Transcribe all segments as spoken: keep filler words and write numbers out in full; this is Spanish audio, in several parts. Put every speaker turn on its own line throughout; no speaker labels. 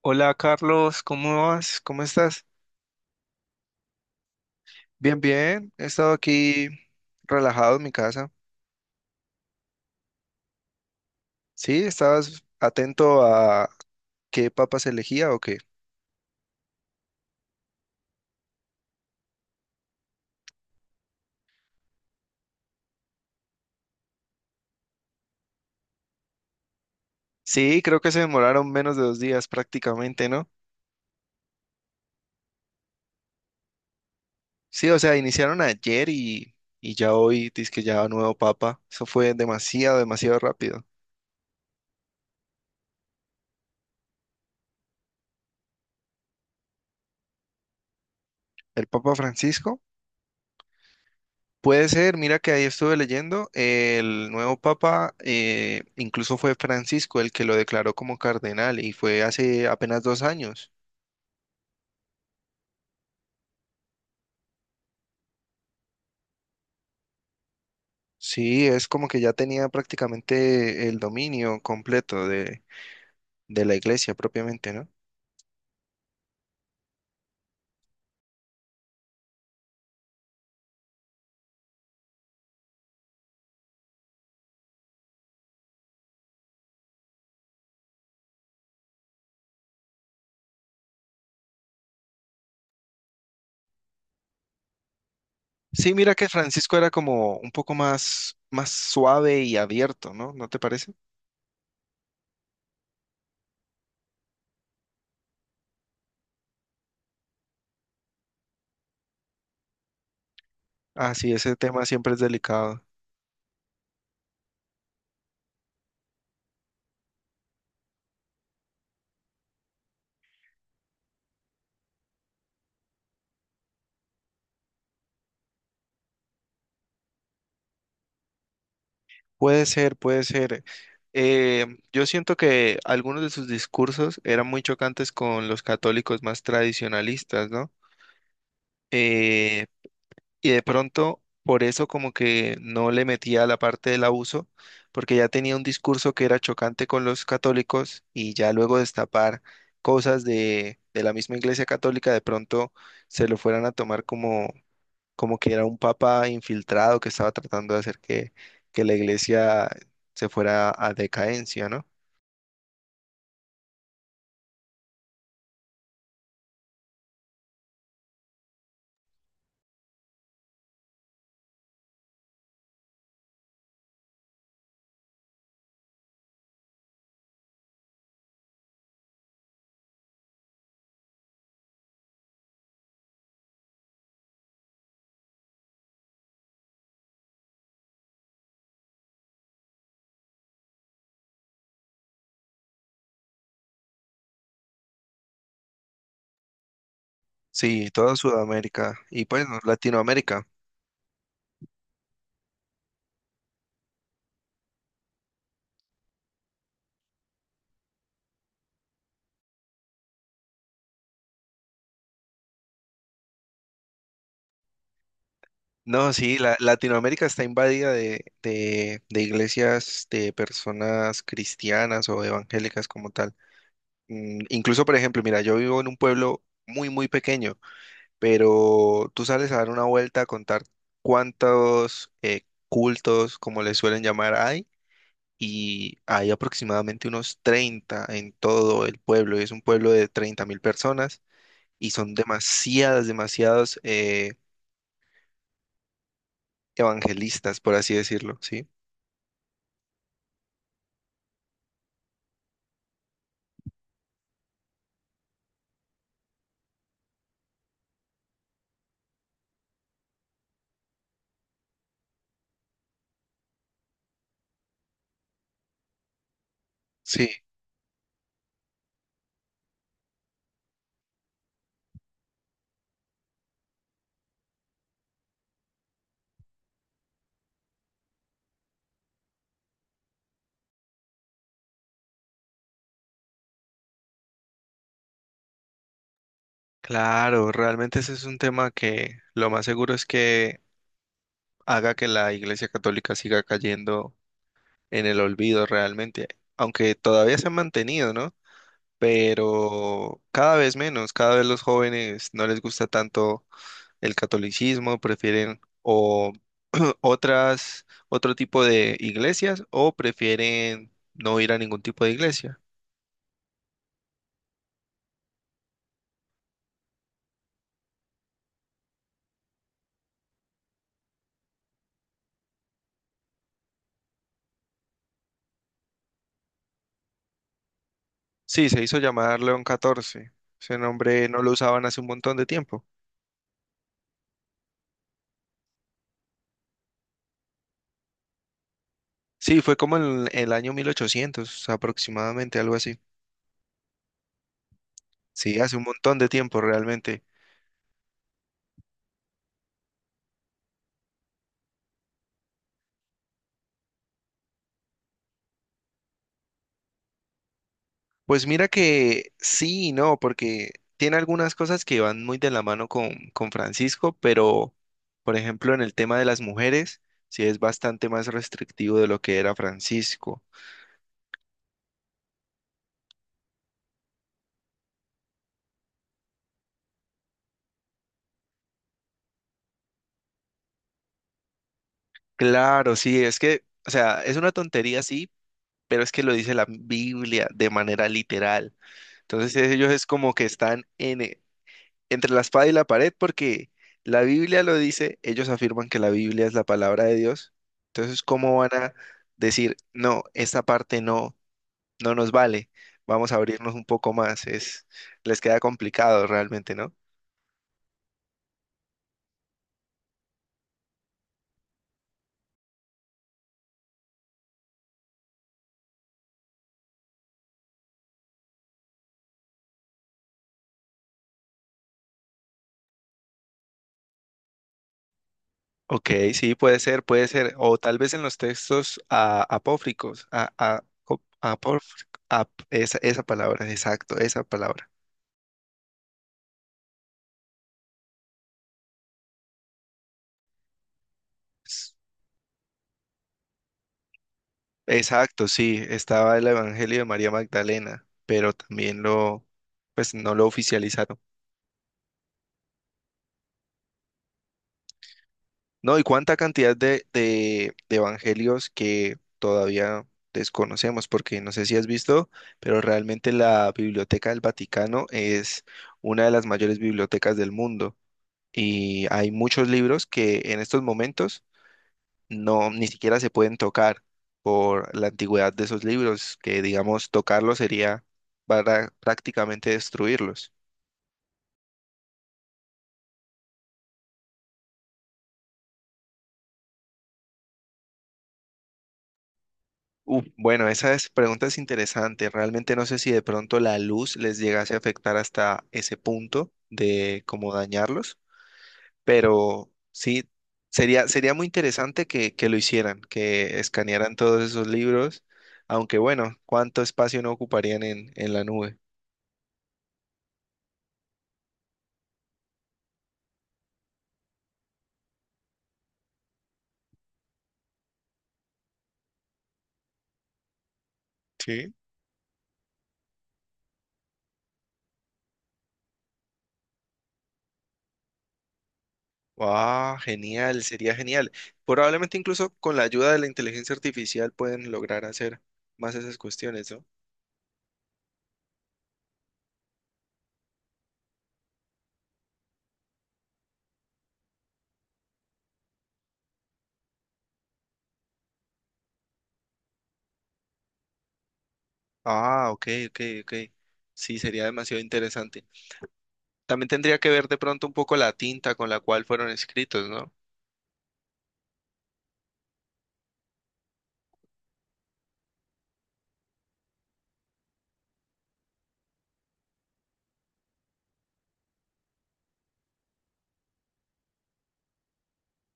Hola Carlos, ¿cómo vas? ¿Cómo estás? Bien, bien. He estado aquí relajado en mi casa. Sí, ¿estabas atento a qué papa se elegía o qué? Sí, creo que se demoraron menos de dos días prácticamente, ¿no? Sí, o sea, iniciaron ayer y, y ya hoy dice que ya nuevo papa. Eso fue demasiado, demasiado rápido. ¿El Papa Francisco? Puede ser, mira que ahí estuve leyendo, el nuevo papa eh, incluso fue Francisco el que lo declaró como cardenal y fue hace apenas dos años. Sí, es como que ya tenía prácticamente el dominio completo de, de la iglesia propiamente, ¿no? Sí, mira que Francisco era como un poco más, más suave y abierto, ¿no? ¿No te parece? Ah, sí, ese tema siempre es delicado. Puede ser, puede ser. Eh, yo siento que algunos de sus discursos eran muy chocantes con los católicos más tradicionalistas, ¿no? Eh, y de pronto, por eso como que no le metía la parte del abuso, porque ya tenía un discurso que era chocante con los católicos y ya luego destapar cosas de, de la misma Iglesia Católica, de pronto se lo fueran a tomar como como que era un papa infiltrado que estaba tratando de hacer que, que la iglesia se fuera a decadencia, ¿no? Sí, toda Sudamérica y pues no, Latinoamérica. No, sí, la, Latinoamérica está invadida de, de, de iglesias de personas cristianas o evangélicas como tal. Mm, incluso, por ejemplo, mira, yo vivo en un pueblo muy, muy pequeño, pero tú sales a dar una vuelta a contar cuántos eh, cultos, como les suelen llamar, hay y hay aproximadamente unos treinta en todo el pueblo. Es un pueblo de treinta mil personas y son demasiadas, demasiados eh, evangelistas, por así decirlo, ¿sí? Sí, claro, realmente ese es un tema que lo más seguro es que haga que la Iglesia Católica siga cayendo en el olvido realmente, aunque todavía se ha mantenido, ¿no? Pero cada vez menos, cada vez los jóvenes no les gusta tanto el catolicismo, prefieren o otras, otro tipo de iglesias o prefieren no ir a ningún tipo de iglesia. Sí, se hizo llamar León catorce. Ese nombre no lo usaban hace un montón de tiempo. Sí, fue como en el año mil ochocientos, aproximadamente, algo así. Sí, hace un montón de tiempo realmente. Pues mira que sí y no, porque tiene algunas cosas que van muy de la mano con, con Francisco, pero por ejemplo en el tema de las mujeres, sí es bastante más restrictivo de lo que era Francisco. Claro, sí, es que, o sea, es una tontería, sí, pero es que lo dice la Biblia de manera literal. Entonces ellos es como que están en, entre la espada y la pared porque la Biblia lo dice, ellos afirman que la Biblia es la palabra de Dios. Entonces, ¿cómo van a decir, no, esta parte no, no nos vale? Vamos a abrirnos un poco más. Es, les queda complicado realmente, ¿no? Ok, sí, puede ser, puede ser. O tal vez en los textos a- apócrifos, a, a- co- apócrif- ap- esa, esa palabra, exacto, esa palabra. Exacto, sí, estaba el Evangelio de María Magdalena, pero también lo, pues no lo oficializaron. No, y cuánta cantidad de, de, de evangelios que todavía desconocemos, porque no sé si has visto, pero realmente la Biblioteca del Vaticano es una de las mayores bibliotecas del mundo y hay muchos libros que en estos momentos no, ni siquiera se pueden tocar por la antigüedad de esos libros, que digamos tocarlos sería para prácticamente destruirlos. Uh, bueno, esa es- pregunta es interesante. Realmente no sé si de pronto la luz les llegase a afectar hasta ese punto de cómo dañarlos, pero sí, sería, sería muy interesante que, que lo hicieran, que escanearan todos esos libros, aunque bueno, ¿cuánto espacio no ocuparían en, en la nube? Sí. Ah, genial, sería genial. Probablemente incluso con la ayuda de la inteligencia artificial pueden lograr hacer más esas cuestiones, ¿no? Ah, ok, ok, ok. Sí, sería demasiado interesante. También tendría que ver de pronto un poco la tinta con la cual fueron escritos, ¿no?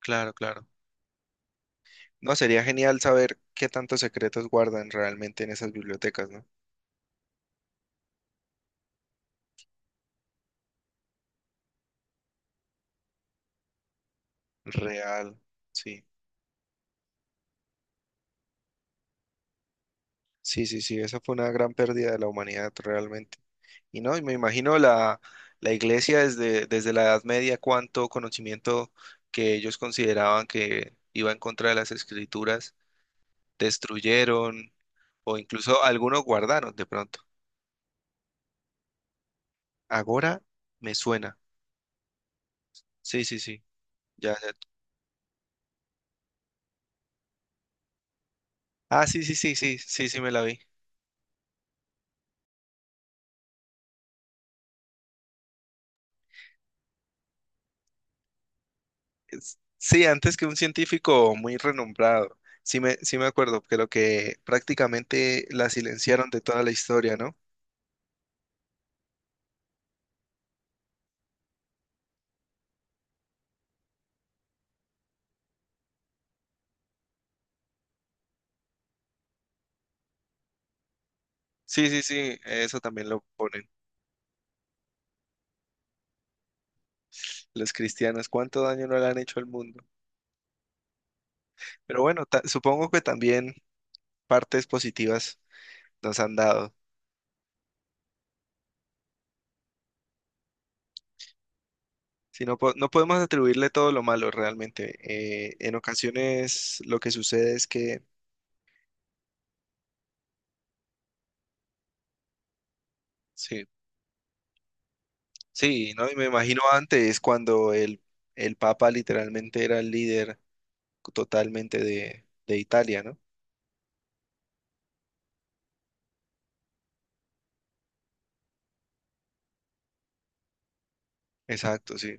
Claro, claro. No, sería genial saber qué tantos secretos guardan realmente en esas bibliotecas, ¿no? Real, sí. Sí, sí, sí, esa fue una gran pérdida de la humanidad realmente. Y no, y me imagino la, la iglesia desde, desde la Edad Media, cuánto conocimiento que ellos consideraban que iba en contra de las escrituras, destruyeron o incluso algunos guardaron de pronto. Agora me suena. Sí, sí, sí. Ya, ya. Ah, sí, sí, sí, sí, sí, sí, me la vi. Es- Sí, antes que un científico muy renombrado. Sí me, sí me acuerdo, creo que prácticamente la silenciaron de toda la historia, ¿no? Sí, sí, sí, eso también lo ponen. Los cristianos, cuánto daño no le han hecho al mundo. Pero bueno, ta- supongo que también partes positivas nos han dado. Si no, po- no podemos atribuirle todo lo malo realmente. Eh, en ocasiones lo que sucede es que, sí, sí, ¿no? Y me imagino antes cuando el, el Papa literalmente era el líder totalmente de, de Italia, ¿no? Exacto, sí.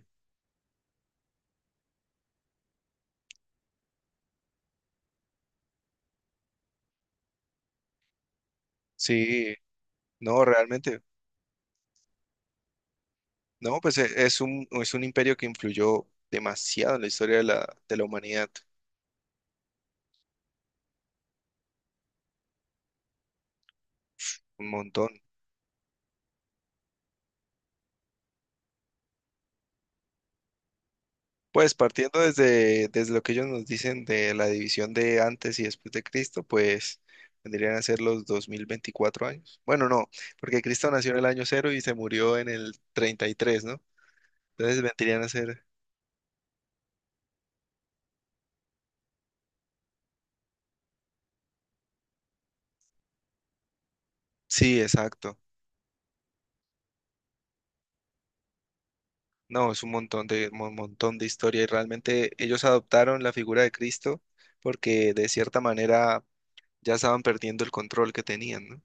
Sí, no, realmente. No, pues e- es un, es un imperio que influyó demasiado en la historia de la, de la humanidad, un montón. Pues partiendo desde, desde lo que ellos nos dicen de la división de antes y después de Cristo, pues vendrían a ser los dos mil veinticuatro años. Bueno, no, porque Cristo nació en el año cero y se murió en el treinta y tres, ¿no? Entonces vendrían a ser, sí, exacto. No, es un montón de, un montón de historia y realmente ellos adoptaron la figura de Cristo porque de cierta manera ya estaban perdiendo el control que tenían, ¿no?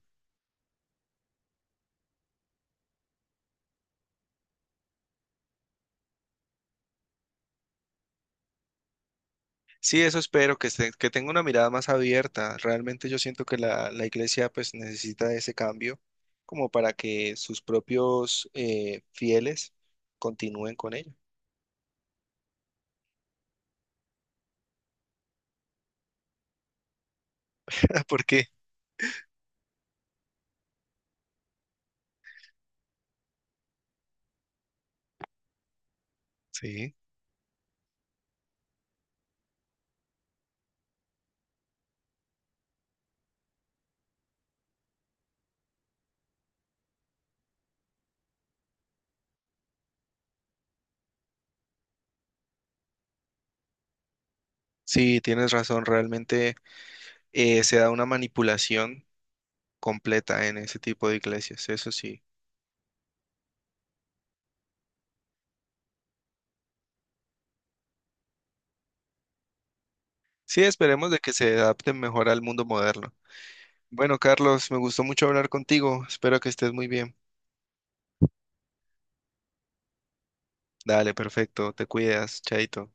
Sí, eso espero, que, esté- que tenga una mirada más abierta. Realmente yo siento que la, la iglesia pues necesita ese cambio como para que sus propios eh, fieles continúen con ella. Porque sí, sí, tienes razón, realmente eh, se da una manipulación completa en ese tipo de iglesias, eso sí. Sí, esperemos de que se adapten mejor al mundo moderno. Bueno, Carlos, me gustó mucho hablar contigo, espero que estés muy bien. Dale, perfecto, te cuidas, chaito.